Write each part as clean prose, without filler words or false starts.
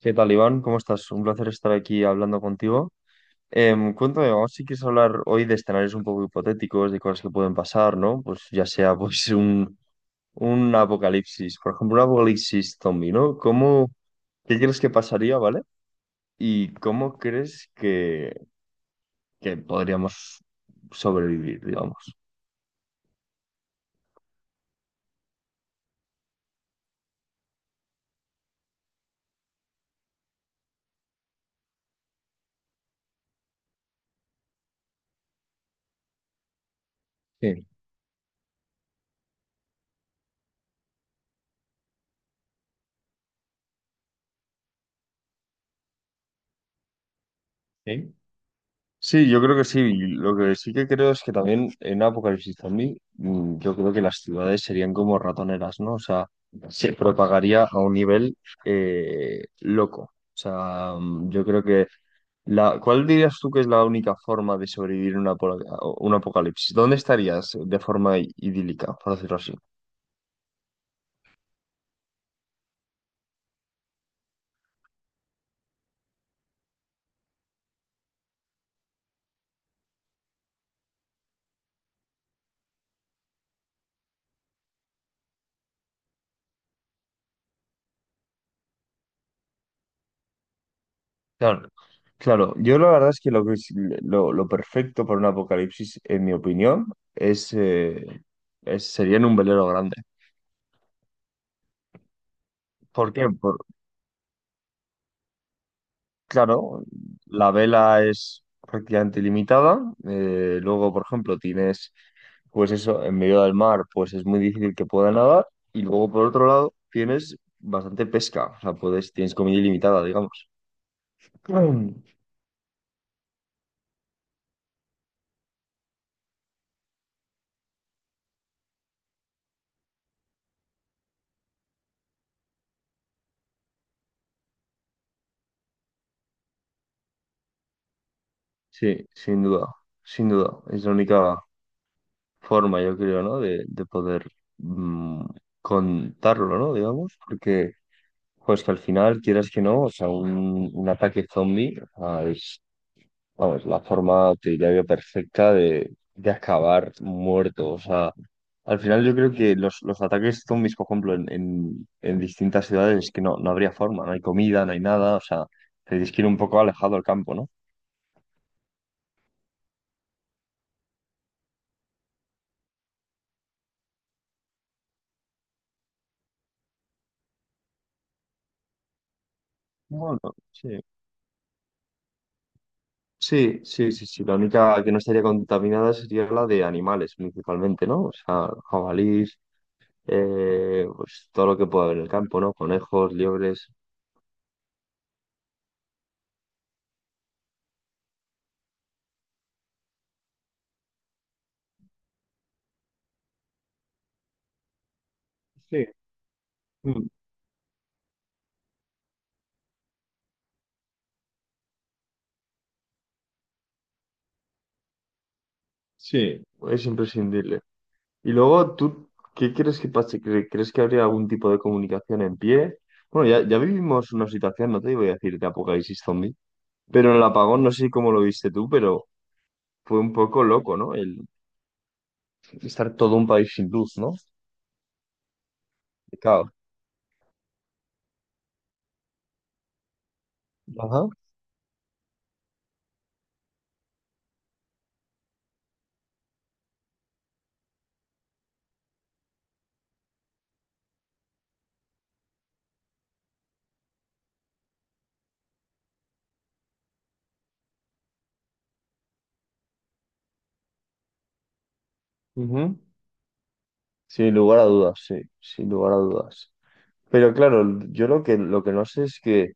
¿Qué tal, Iván? ¿Cómo estás? Un placer estar aquí hablando contigo. Cuéntame, vamos, si quieres hablar hoy de escenarios un poco hipotéticos, de cosas que pueden pasar, ¿no? Pues ya sea pues un apocalipsis, por ejemplo, un apocalipsis zombie, ¿no? ¿Qué crees que pasaría, ¿vale? ¿Y cómo crees que podríamos sobrevivir, digamos? Sí. ¿Sí? Sí, yo creo que sí. Y lo que sí que creo es que también en apocalipsis zombie, yo creo que las ciudades serían como ratoneras, ¿no? O sea, se propagaría a un nivel loco. O sea, yo creo que la, ¿cuál dirías tú que es la única forma de sobrevivir una, un apocalipsis? ¿Dónde estarías de forma idílica, por decirlo así? Claro. Claro, yo la verdad es que lo que es- lo perfecto para un apocalipsis, en mi opinión, es, sería en un velero grande. ¿Por qué? Por- claro, la vela es prácticamente ilimitada. Luego, por ejemplo, tienes, pues eso, en medio del mar, pues es muy difícil que pueda nadar. Y luego, por otro lado, tienes bastante pesca. O sea, puedes, tienes comida ilimitada, digamos. Mm. Sí, sin duda, sin duda. Es la única forma, yo creo, ¿no? De poder mm, contarlo, ¿no? Digamos, porque, pues que al final, quieras que no, o sea, un ataque zombie, o sea, es vamos, es la forma, te diría yo, perfecta de acabar muerto. O sea, al final yo creo que los ataques zombies, por ejemplo, en distintas ciudades es que no, no habría forma, no hay comida, no hay nada. O sea, tendrías que ir un poco alejado al campo, ¿no? Bueno, sí. Sí, sí, sí, sí. La única que no estaría contaminada sería la de animales, principalmente, ¿no? O sea, jabalís, pues todo lo que pueda haber en el campo, ¿no? Conejos, liebres. Sí. Mm. Sí, es imprescindible. Y luego, ¿tú qué crees que pase? ¿Crees que habría algún tipo de comunicación en pie? Bueno, ya vivimos una situación, no te voy a decir de apocalipsis zombie, pero en el apagón, no sé si cómo lo viste tú, pero fue un poco loco, ¿no? El estar todo un país sin luz, ¿no? De caos. Ajá. Ujú. Sin lugar a dudas, sí, sin lugar a dudas. Pero claro, yo lo que no sé es que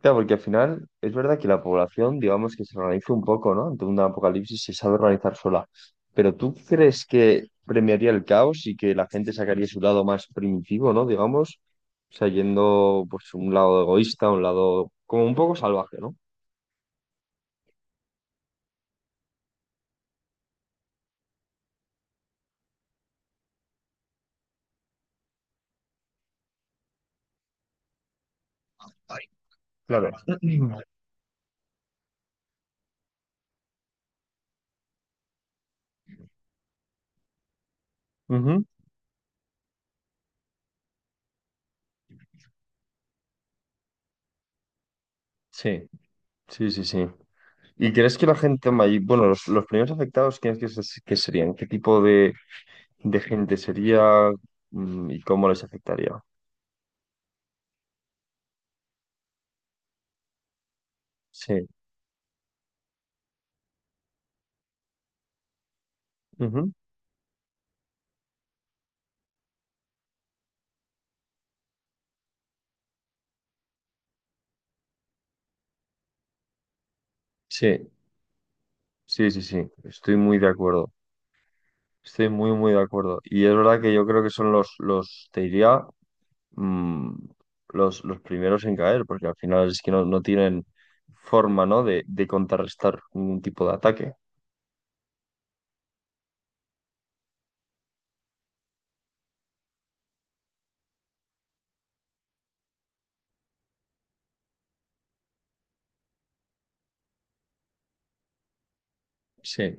claro, porque al final es verdad que la población, digamos que se organiza un poco, ¿no? Ante un apocalipsis se sabe organizar sola. Pero ¿tú crees que premiaría el caos y que la gente sacaría su lado más primitivo, ¿no? Digamos, o sea, yendo pues un lado egoísta, un lado como un poco salvaje, ¿no? Claro. Ujú. Sí, sí, sí, sí. ¿Y crees que la gente bueno, los primeros afectados, ¿quiénes que serían? ¿Qué tipo de gente sería y cómo les afectaría? Sí. Ujú. Sí. Sí, sí, sí, estoy muy de acuerdo. Estoy muy, muy de acuerdo. Y es verdad que yo creo que son los, te diría, mm, los primeros en caer, porque al final es que no, no tienen forma, ¿no?, de contrarrestar ningún tipo de ataque. Sí.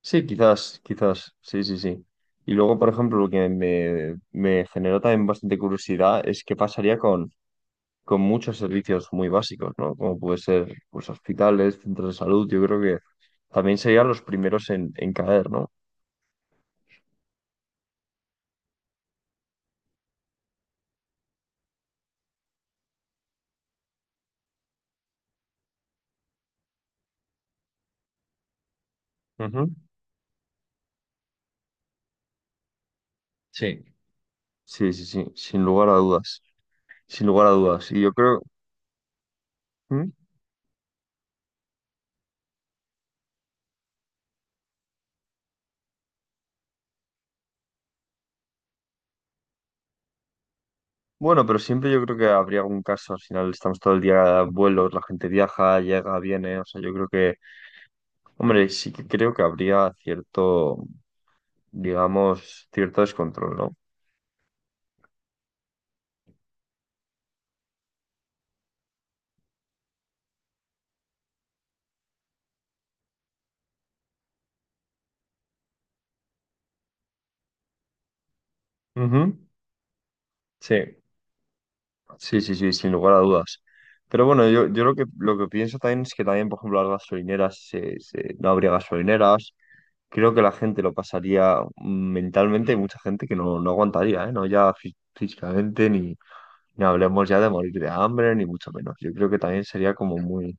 Sí, quizás, quizás, sí, sí, sí. Y luego, por ejemplo, lo que me generó también bastante curiosidad es qué pasaría con muchos servicios muy básicos, ¿no? Como puede ser, pues, hospitales, centros de salud, yo creo que también serían los primeros en caer, ¿no? Ujú. Sí. Sí, sí, sí, sin lugar a dudas, sin lugar a dudas. Y yo creo, ¿mm? Bueno, pero siempre yo creo que habría algún caso, al final estamos todo el día en vuelos, la gente viaja, llega, viene, o sea, yo creo que, hombre, sí que creo que habría cierto, digamos, cierto descontrol, ¿no? Ujú. Sí, sí, sí, sí, sin lugar a dudas. Pero bueno, yo lo que pienso también es que también, por ejemplo, las gasolineras, no habría gasolineras, creo que la gente lo pasaría mentalmente, hay mucha gente que no, no aguantaría, ¿eh? No ya físicamente, ni, ni hablemos ya de morir de hambre, ni mucho menos. Yo creo que también sería como muy,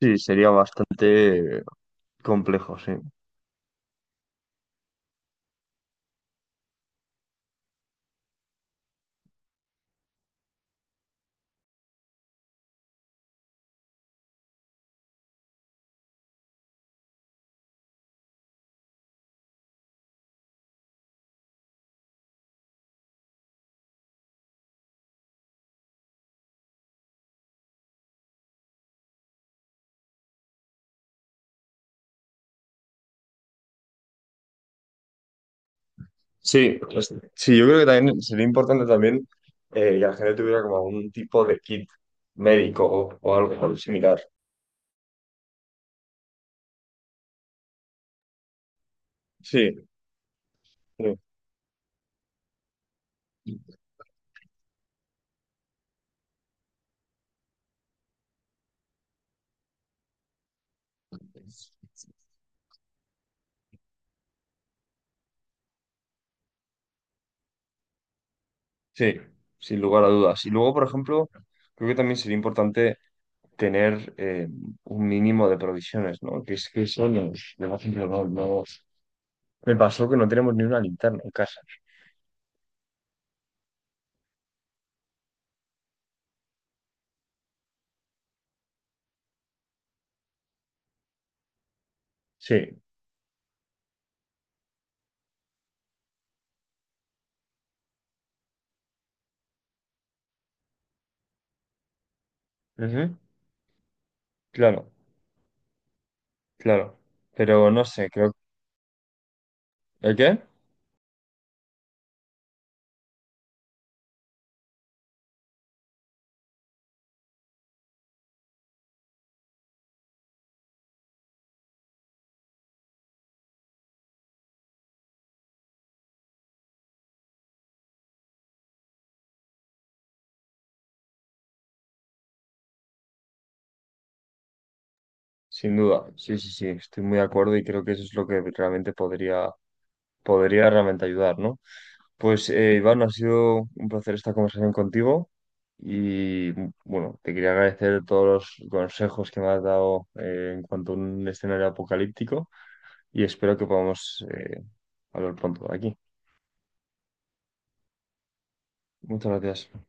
sí, sería bastante complejo, sí. Sí, pues, sí, yo creo que también sería importante también que la gente tuviera como algún tipo de kit médico o algo similar. Sí, sí, sí, sin lugar a dudas. Y luego, por ejemplo, creo que también sería importante tener un mínimo de provisiones, ¿no? Que es que eso nos, de vez en cuando nos... Me pasó que no tenemos ni una linterna en casa. Sí. Ujú. Claro, claro. Pero no sé, creo... ¿El qué? Sin duda, sí, sí, sí, estoy muy de acuerdo y creo que eso es lo que realmente podría, podría realmente ayudar, ¿no? Pues Iván, ha sido un placer esta conversación contigo y bueno, te quería agradecer todos los consejos que me has dado en cuanto a un escenario apocalíptico. Y espero que podamos hablar pronto de aquí. Muchas gracias.